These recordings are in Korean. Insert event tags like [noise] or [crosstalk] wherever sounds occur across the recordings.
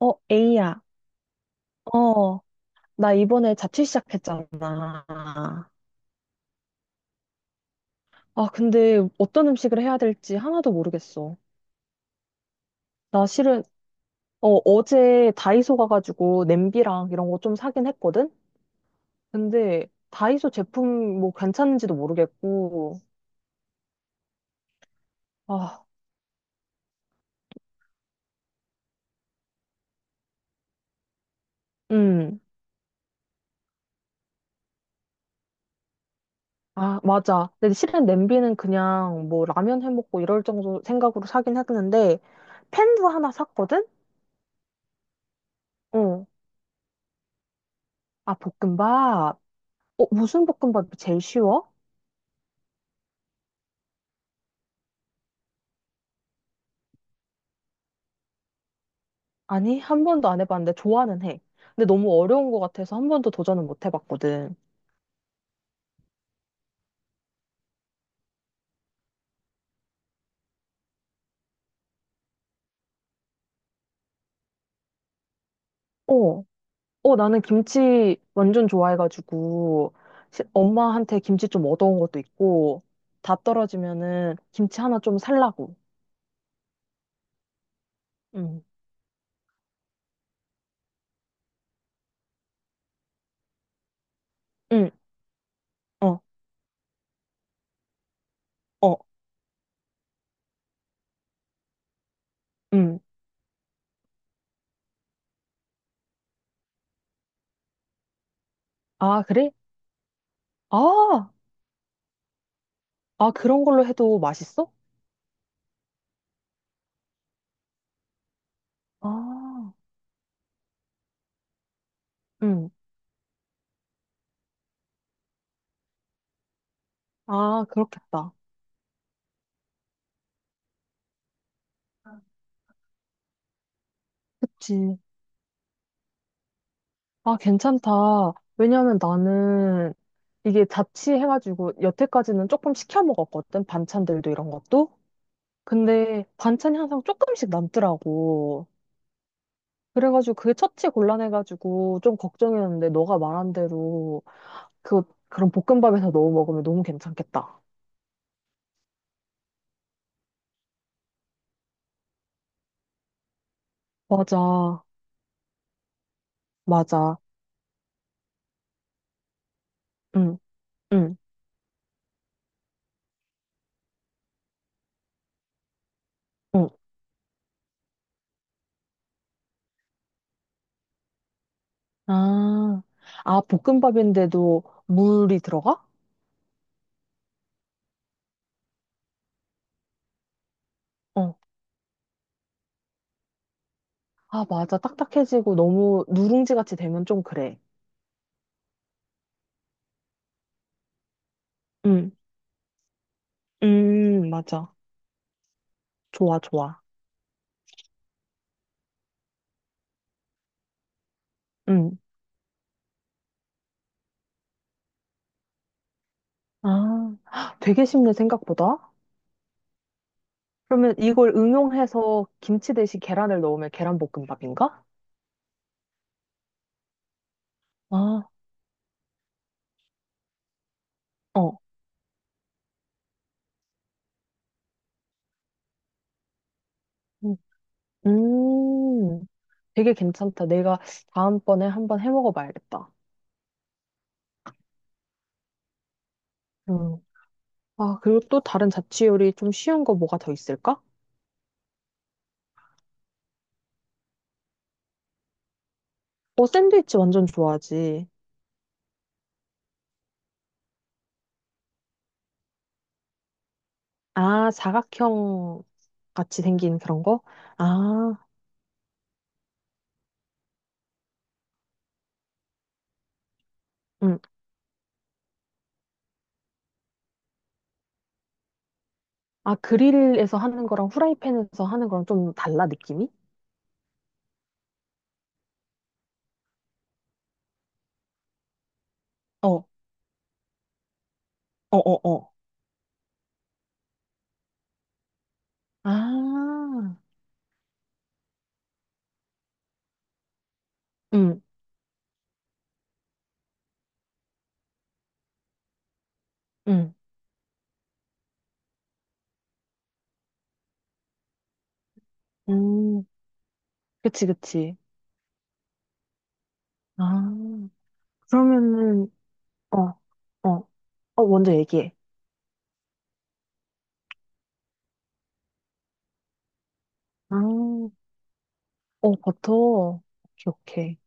어, 에이야. 어, 나 이번에 자취 시작했잖아. 아, 근데 어떤 음식을 해야 될지 하나도 모르겠어. 나 실은, 어제 다이소 가가지고 냄비랑 이런 거 좀 사긴 했거든? 근데 다이소 제품 뭐 괜찮은지도 모르겠고, 아, 음. 아, 맞아. 근데 실은 냄비는 그냥 뭐 라면 해 먹고 이럴 정도 생각으로 사긴 했는데, 팬도 하나 샀거든? 어. 아, 볶음밥. 어, 무슨 볶음밥이 제일 쉬워? 아니, 한 번도 안 해봤는데 좋아는 해. 근데 너무 어려운 것 같아서 한 번도 도전은 못 해봤거든. 어, 어, 나는 김치 완전 좋아해가지고 엄마한테 김치 좀 얻어온 것도 있고 다 떨어지면은 김치 하나 좀 살라고. 응, 응, 어, 어, 응. 아, 그래? 아, 아, 그런 걸로 해도 맛있어? 아, 응. 아, 그렇겠다. 그치. 아, 괜찮다. 왜냐면 나는 이게 자취해가지고 여태까지는 조금 시켜 먹었거든. 반찬들도 이런 것도. 근데 반찬이 항상 조금씩 남더라고. 그래가지고 그게 처치 곤란해가지고 좀 걱정이었는데 너가 말한 대로 그런 볶음밥에서 넣어 먹으면 너무 괜찮겠다. 맞아. 맞아. 응, 응, 응. 아, 아, 볶음밥인데도 물이 들어가? 어. 아, 맞아. 딱딱해지고 너무 누룽지 같이 되면 좀 그래. 음, 맞아. 좋아, 좋아. 음. 아, 헉, 되게 쉽네, 생각보다. 그러면 이걸 응용해서 김치 대신 계란을 넣으면 계란볶음밥인가? 아, 어. 음, 음, 되게 괜찮다. 내가 다음번에 한번 해 먹어봐야겠다. 음. 아, 그리고 또 다른 자취 요리 좀 쉬운 거 뭐가 더 있을까? 어, 샌드위치 완전 좋아하지. 아, 사각형 같이 생긴 그런 거? 아, 음, 아, 그릴에서 하는 거랑 후라이팬에서 하는 거랑 좀 달라, 느낌이? 어, 어, 어, 어. 아, 응, 응, 음, 그치, 그치. 아, 그러면은, 어, 어, 어, 먼저 얘기해. 아, 어, 버터. 오케이, 오케이.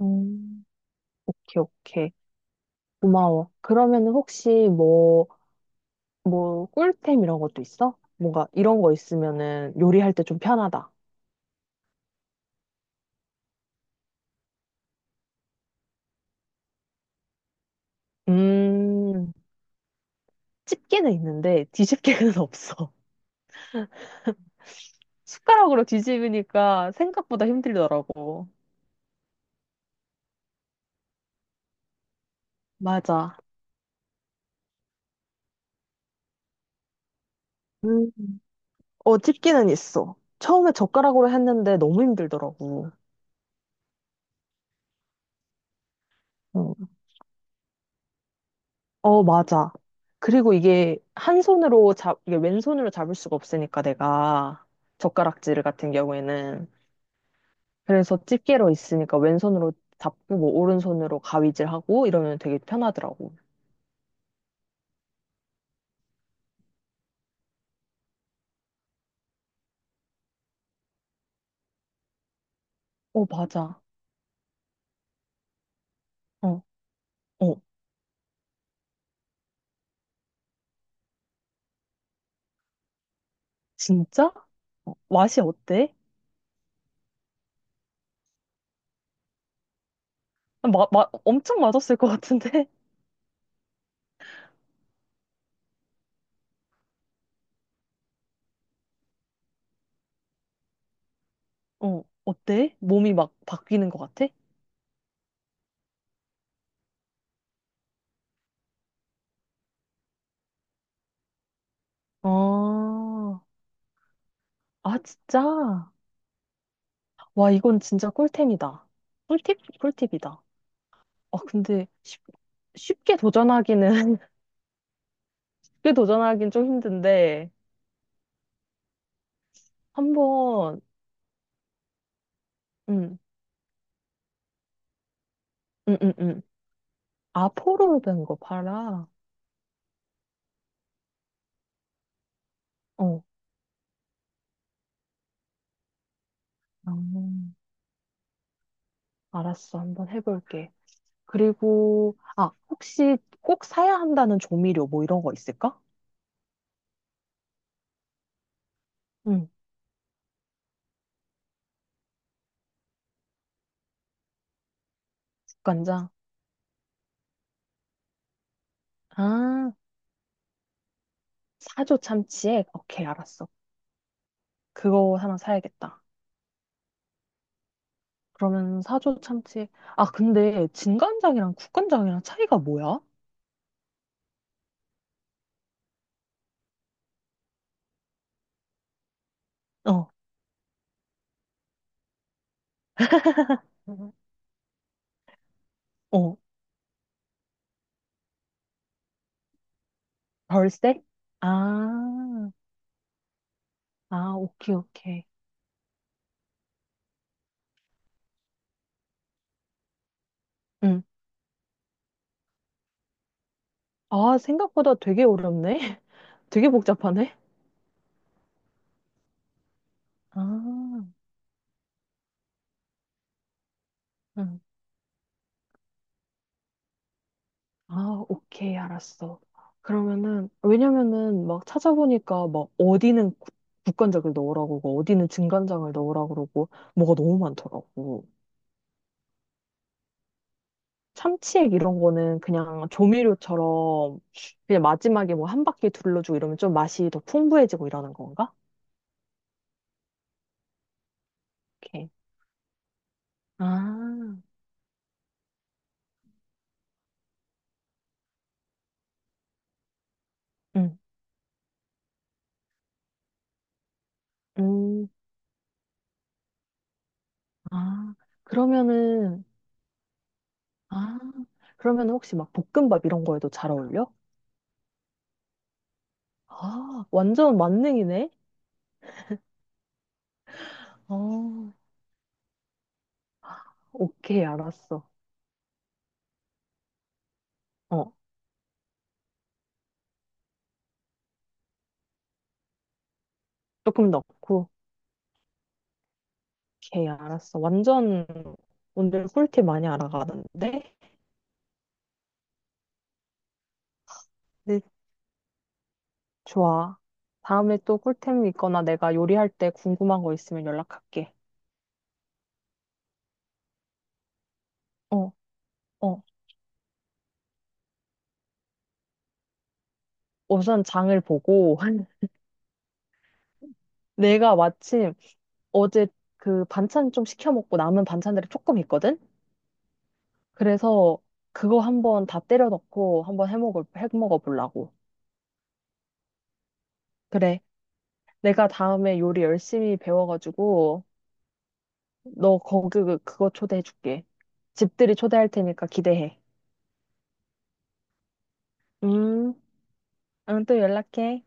음, 오케이, 오케이. 고마워. 그러면은 혹시 뭐, 꿀템 이런 것도 있어? 뭔가 이런 거 있으면은 요리할 때 좀 편하다. 음, 집게는 있는데 뒤집개는 [laughs] 없어. 숟가락으로 뒤집으니까 생각보다 힘들더라고. 맞아. 음, 어, 찝기는 있어. 처음에 젓가락으로 했는데 너무 힘들더라고. 어, 어, 맞아. 그리고 이게 한 손으로 이게 왼손으로 잡을 수가 없으니까 내가 젓가락질 같은 경우에는. 그래서 집게로 있으니까 왼손으로 잡고 뭐 오른손으로 가위질하고 이러면 되게 편하더라고. 어, 맞아. 어, 어, 진짜? 어, 맛이 어때? 엄청 맛없을 것 같은데? 어, 어때? 몸이 막 바뀌는 것 같아? 아, 아, 진짜? 와, 이건 진짜 꿀템이다. 꿀팁? 꿀팁이다. 아, 근데 쉽게 도전하기는, [laughs] 쉽게 도전하긴 좀 힘든데, 한 번, 응, 응, 응, 응. 아, 포로 된 거 팔아? 어, 음, 알았어. 한번 해볼게. 그리고, 아, 혹시 꼭 사야 한다는 조미료 뭐 이런 거 있을까? 응, 국간장. 아, 사조 참치액? 오케이, 알았어. 그거 하나 사야겠다. 그러면 사조 참치. 아, 근데 진간장이랑 국간장이랑 차이가 뭐야? 어, 음. 어, 덜세? 아, 아, 오케이, 오케이. 응. 아, 생각보다 되게 어렵네. [laughs] 되게 복잡하네. 아, 응. 아, 오케이, 알았어. 그러면은, 왜냐면은 막 찾아보니까 막 어디는 국간장을 넣으라고 그러고, 어디는 진간장을 넣으라고 그러고, 뭐가 너무 많더라고. 참치액 이런 거는 그냥 조미료처럼 그냥 마지막에 뭐 한 바퀴 둘러주고 이러면 좀 맛이 더 풍부해지고 이러는 건가? 오케이. 아, 응, 음, 아, 그러면은, 아, 그러면 혹시 막 볶음밥 이런 거에도 잘 어울려? 아, 완전 만능이네? 어, 오케이, 알았어. 어, 조금 넣고, 오케이, 알았어. 완전 오늘 꿀팁 많이 알아가는데? 좋아. 다음에 또 꿀템 있거나 내가 요리할 때 궁금한 거 있으면 연락할게. 어, 어. 우선 장을 보고 [laughs] 내가 마침 어제 그 반찬 좀 시켜 먹고 남은 반찬들이 조금 있거든? 그래서 그거 한번 다 때려 넣고 한번 해 먹어 보려고. 그래. 내가 다음에 요리 열심히 배워 가지고 너 거기 그거 초대해 줄게. 집들이 초대할 테니까 기대해. 음, 응, 또 연락해.